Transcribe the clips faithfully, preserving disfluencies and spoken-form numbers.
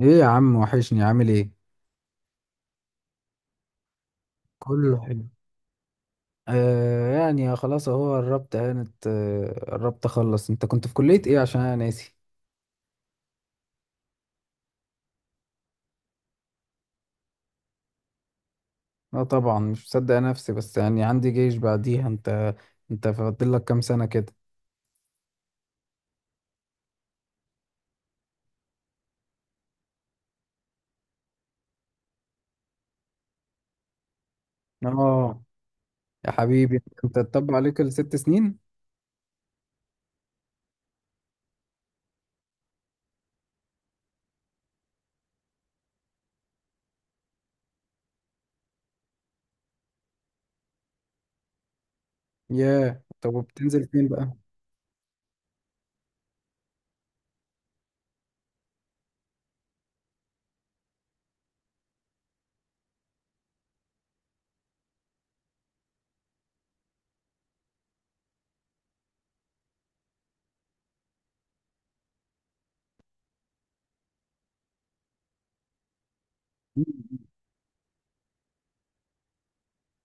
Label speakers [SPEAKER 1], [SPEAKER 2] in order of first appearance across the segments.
[SPEAKER 1] ايه يا عم، وحشني. عامل ايه؟ كله حلو. آه يعني خلاص اهو قربت هانت، آه، قربت اخلص. انت كنت في كلية ايه؟ عشان انا ناسي. لا طبعا، مش مصدق نفسي، بس يعني عندي جيش بعديها. انت انت فاضل لك كام سنة كده؟ اه يا حبيبي، انت اتطبق عليك الست سنين. ياه، طب وبتنزل فين بقى؟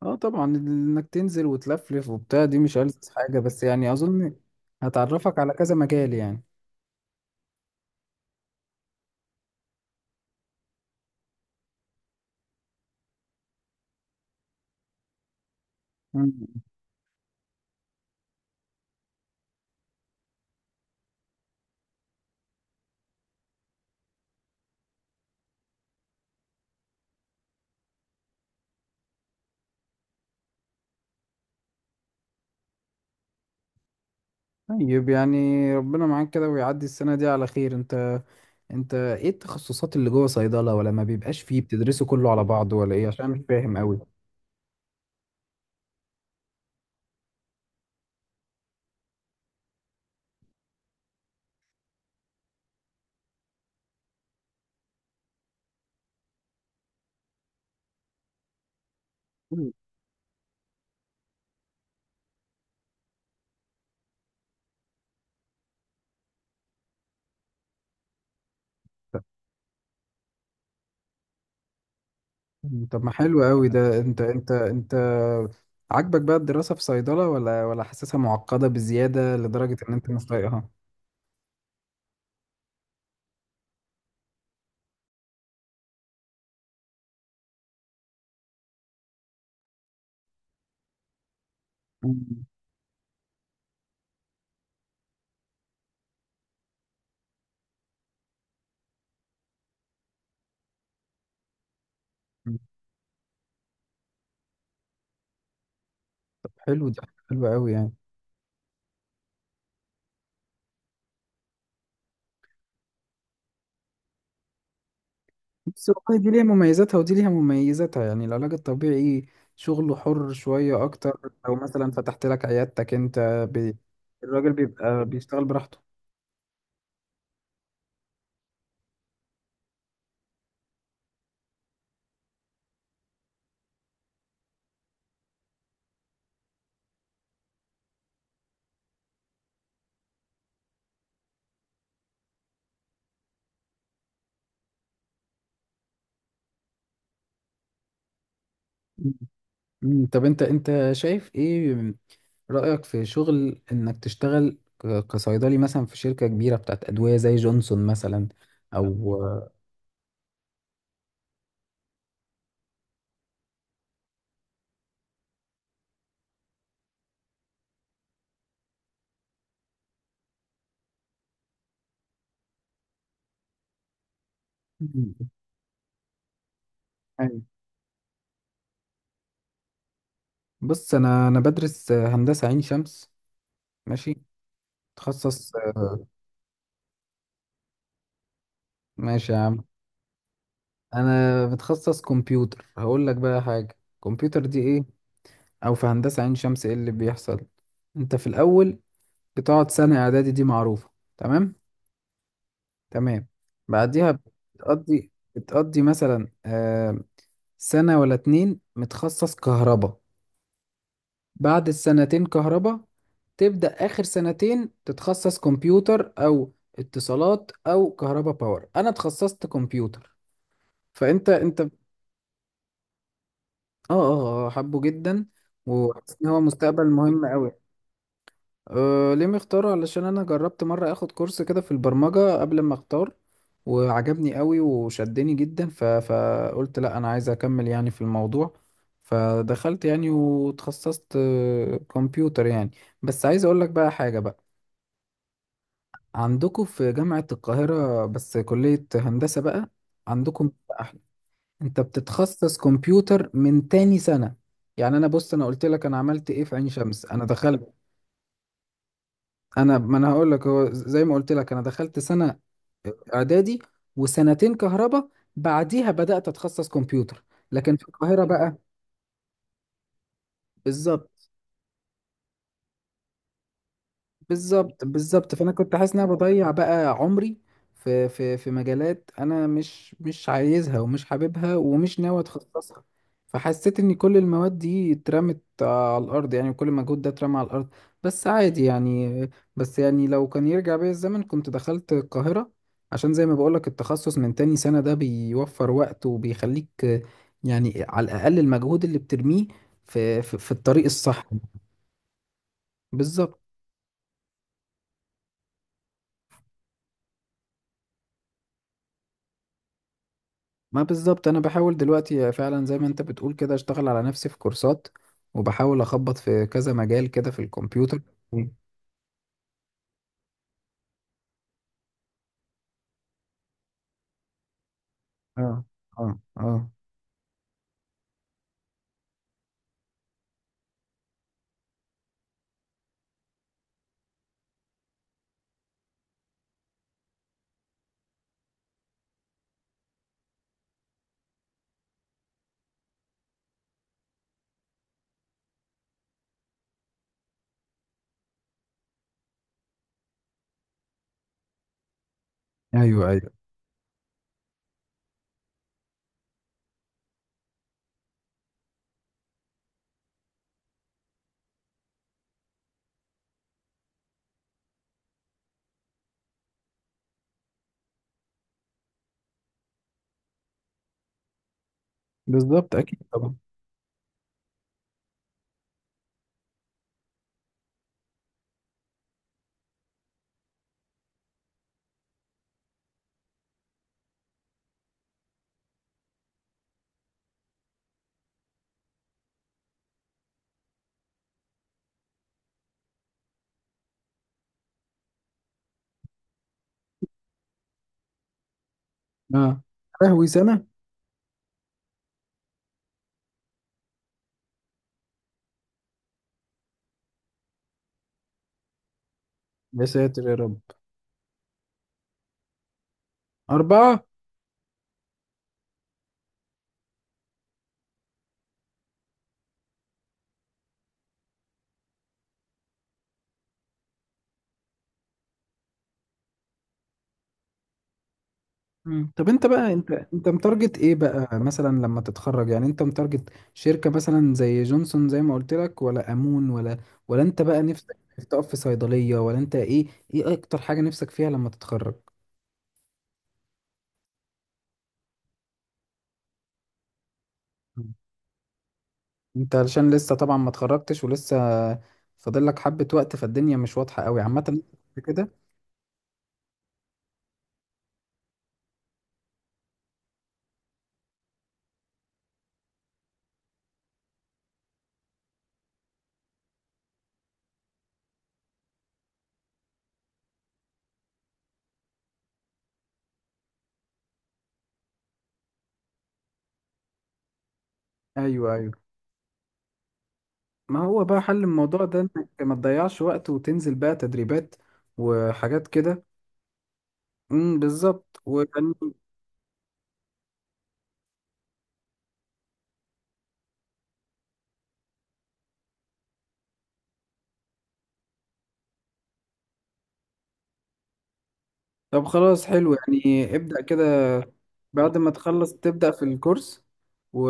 [SPEAKER 1] اه طبعا، انك تنزل وتلفلف وبتاع دي مش ألذ حاجة، بس يعني اظن هتعرفك على كذا مجال يعني. مم. طيب يعني ربنا معاك كده ويعدي السنة دي على خير. انت انت ايه التخصصات اللي جوه صيدلة، ولا ما بيبقاش فيه؟ بتدرسوا كله على بعضه ولا ايه؟ عشان أنا مش فاهم قوي. مم. طب ما حلو قوي ده. انت انت انت عاجبك بقى الدراسة في صيدلة، ولا ولا حاسسها معقدة بزيادة لدرجة ان انت مش طايقها؟ مم. طب حلو ده، حلو قوي يعني. بس والله دي ليها مميزاتها ودي ليها مميزاتها، يعني العلاج الطبيعي شغله حر شوية أكتر لو مثلا فتحت لك عيادتك أنت. ب... الراجل بيبقى بيشتغل براحته. مم. مم. طب أنت أنت شايف إيه رأيك في شغل إنك تشتغل ك- كصيدلي مثلا في شركة كبيرة بتاعت أدوية زي جونسون مثلا، أو مم. أيوة. بص، أنا أنا بدرس هندسة عين شمس. ماشي. تخصص. ماشي يا عم. انا بتخصص كمبيوتر، هقول لك بقى حاجه. كمبيوتر دي ايه، او في هندسه عين شمس ايه اللي بيحصل؟ انت في الاول بتقعد سنه اعدادي دي معروفه. تمام، تمام. بعديها بتقضي بتقضي مثلا آه، سنه ولا اتنين متخصص كهرباء. بعد السنتين كهرباء تبدا اخر سنتين تتخصص كمبيوتر او اتصالات او كهرباء باور. انا اتخصصت كمبيوتر. فانت انت اه، اه، آه، حبه جدا، وحاسس ان هو مستقبل مهم قوي. أه، ليه مختاره؟ علشان انا جربت مره اخد كورس كده في البرمجه قبل ما اختار، وعجبني قوي وشدني جدا. ف... فقلت لا، انا عايز اكمل يعني في الموضوع. فدخلت يعني وتخصصت آه، كمبيوتر يعني. بس عايز اقول لك بقى حاجه. بقى عندكم في جامعه القاهره بس كليه هندسه بقى، عندكم انت بتتخصص كمبيوتر من تاني سنة. يعني انا، بص انا قلت لك انا عملت ايه في عين شمس. انا دخلت. انا ما انا هقول لك. هو زي ما قلت لك انا دخلت سنة آه، اعدادي، وسنتين كهرباء، بعديها بدأت اتخصص كمبيوتر. لكن في القاهرة بقى، بالظبط، بالظبط، بالظبط، فانا كنت حاسس ان انا بضيع بقى عمري في في في مجالات انا مش مش عايزها، ومش حاببها، ومش ناوي اتخصصها. فحسيت ان كل المواد دي اترمت على الارض يعني، وكل المجهود ده اترمى على الارض. بس عادي يعني. بس يعني لو كان يرجع بيا الزمن كنت دخلت القاهرة، عشان زي ما بقولك التخصص من تاني سنة ده بيوفر وقت، وبيخليك يعني على الاقل المجهود اللي بترميه في في, في الطريق الصح. بالظبط. ما بالظبط، انا بحاول دلوقتي فعلا زي ما انت بتقول كده اشتغل على نفسي في كورسات، وبحاول اخبط في كذا مجال كده في الكمبيوتر. اه، اه، اه. ايوه، ايوه. بالظبط، اكيد طبعا. اه. يا لهوي، سنه! يا ساتر يا رب. اربعه. مم. طب انت بقى، انت انت متارجت ايه بقى مثلا لما تتخرج؟ يعني انت متارجت شركه مثلا زي جونسون زي ما قلت لك، ولا امون، ولا ولا انت بقى نفسك تقف في صيدليه، ولا انت ايه؟ ايه اكتر حاجه نفسك فيها لما تتخرج؟ انت علشان لسه طبعا ما اتخرجتش ولسه فاضل لك حبة وقت، فالدنيا مش واضحة قوي عامة كده. ايوه، ايوه. ما هو بقى حل الموضوع ده انك ما تضيعش وقت، وتنزل بقى تدريبات وحاجات كده. امم بالظبط ويعني. طب خلاص، حلو يعني. ابدأ كده بعد ما تخلص، تبدأ في الكورس. و...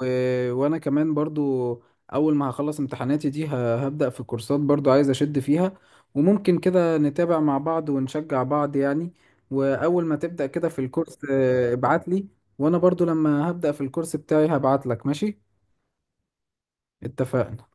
[SPEAKER 1] و... وانا كمان برضو، اول ما هخلص امتحاناتي دي ه... هبدأ في كورسات برضو، عايز اشد فيها. وممكن كده نتابع مع بعض ونشجع بعض يعني. واول ما تبدأ كده في الكورس آه، ابعت لي. وانا برضو لما هبدأ في الكورس بتاعي هبعت لك. ماشي. اتفقنا.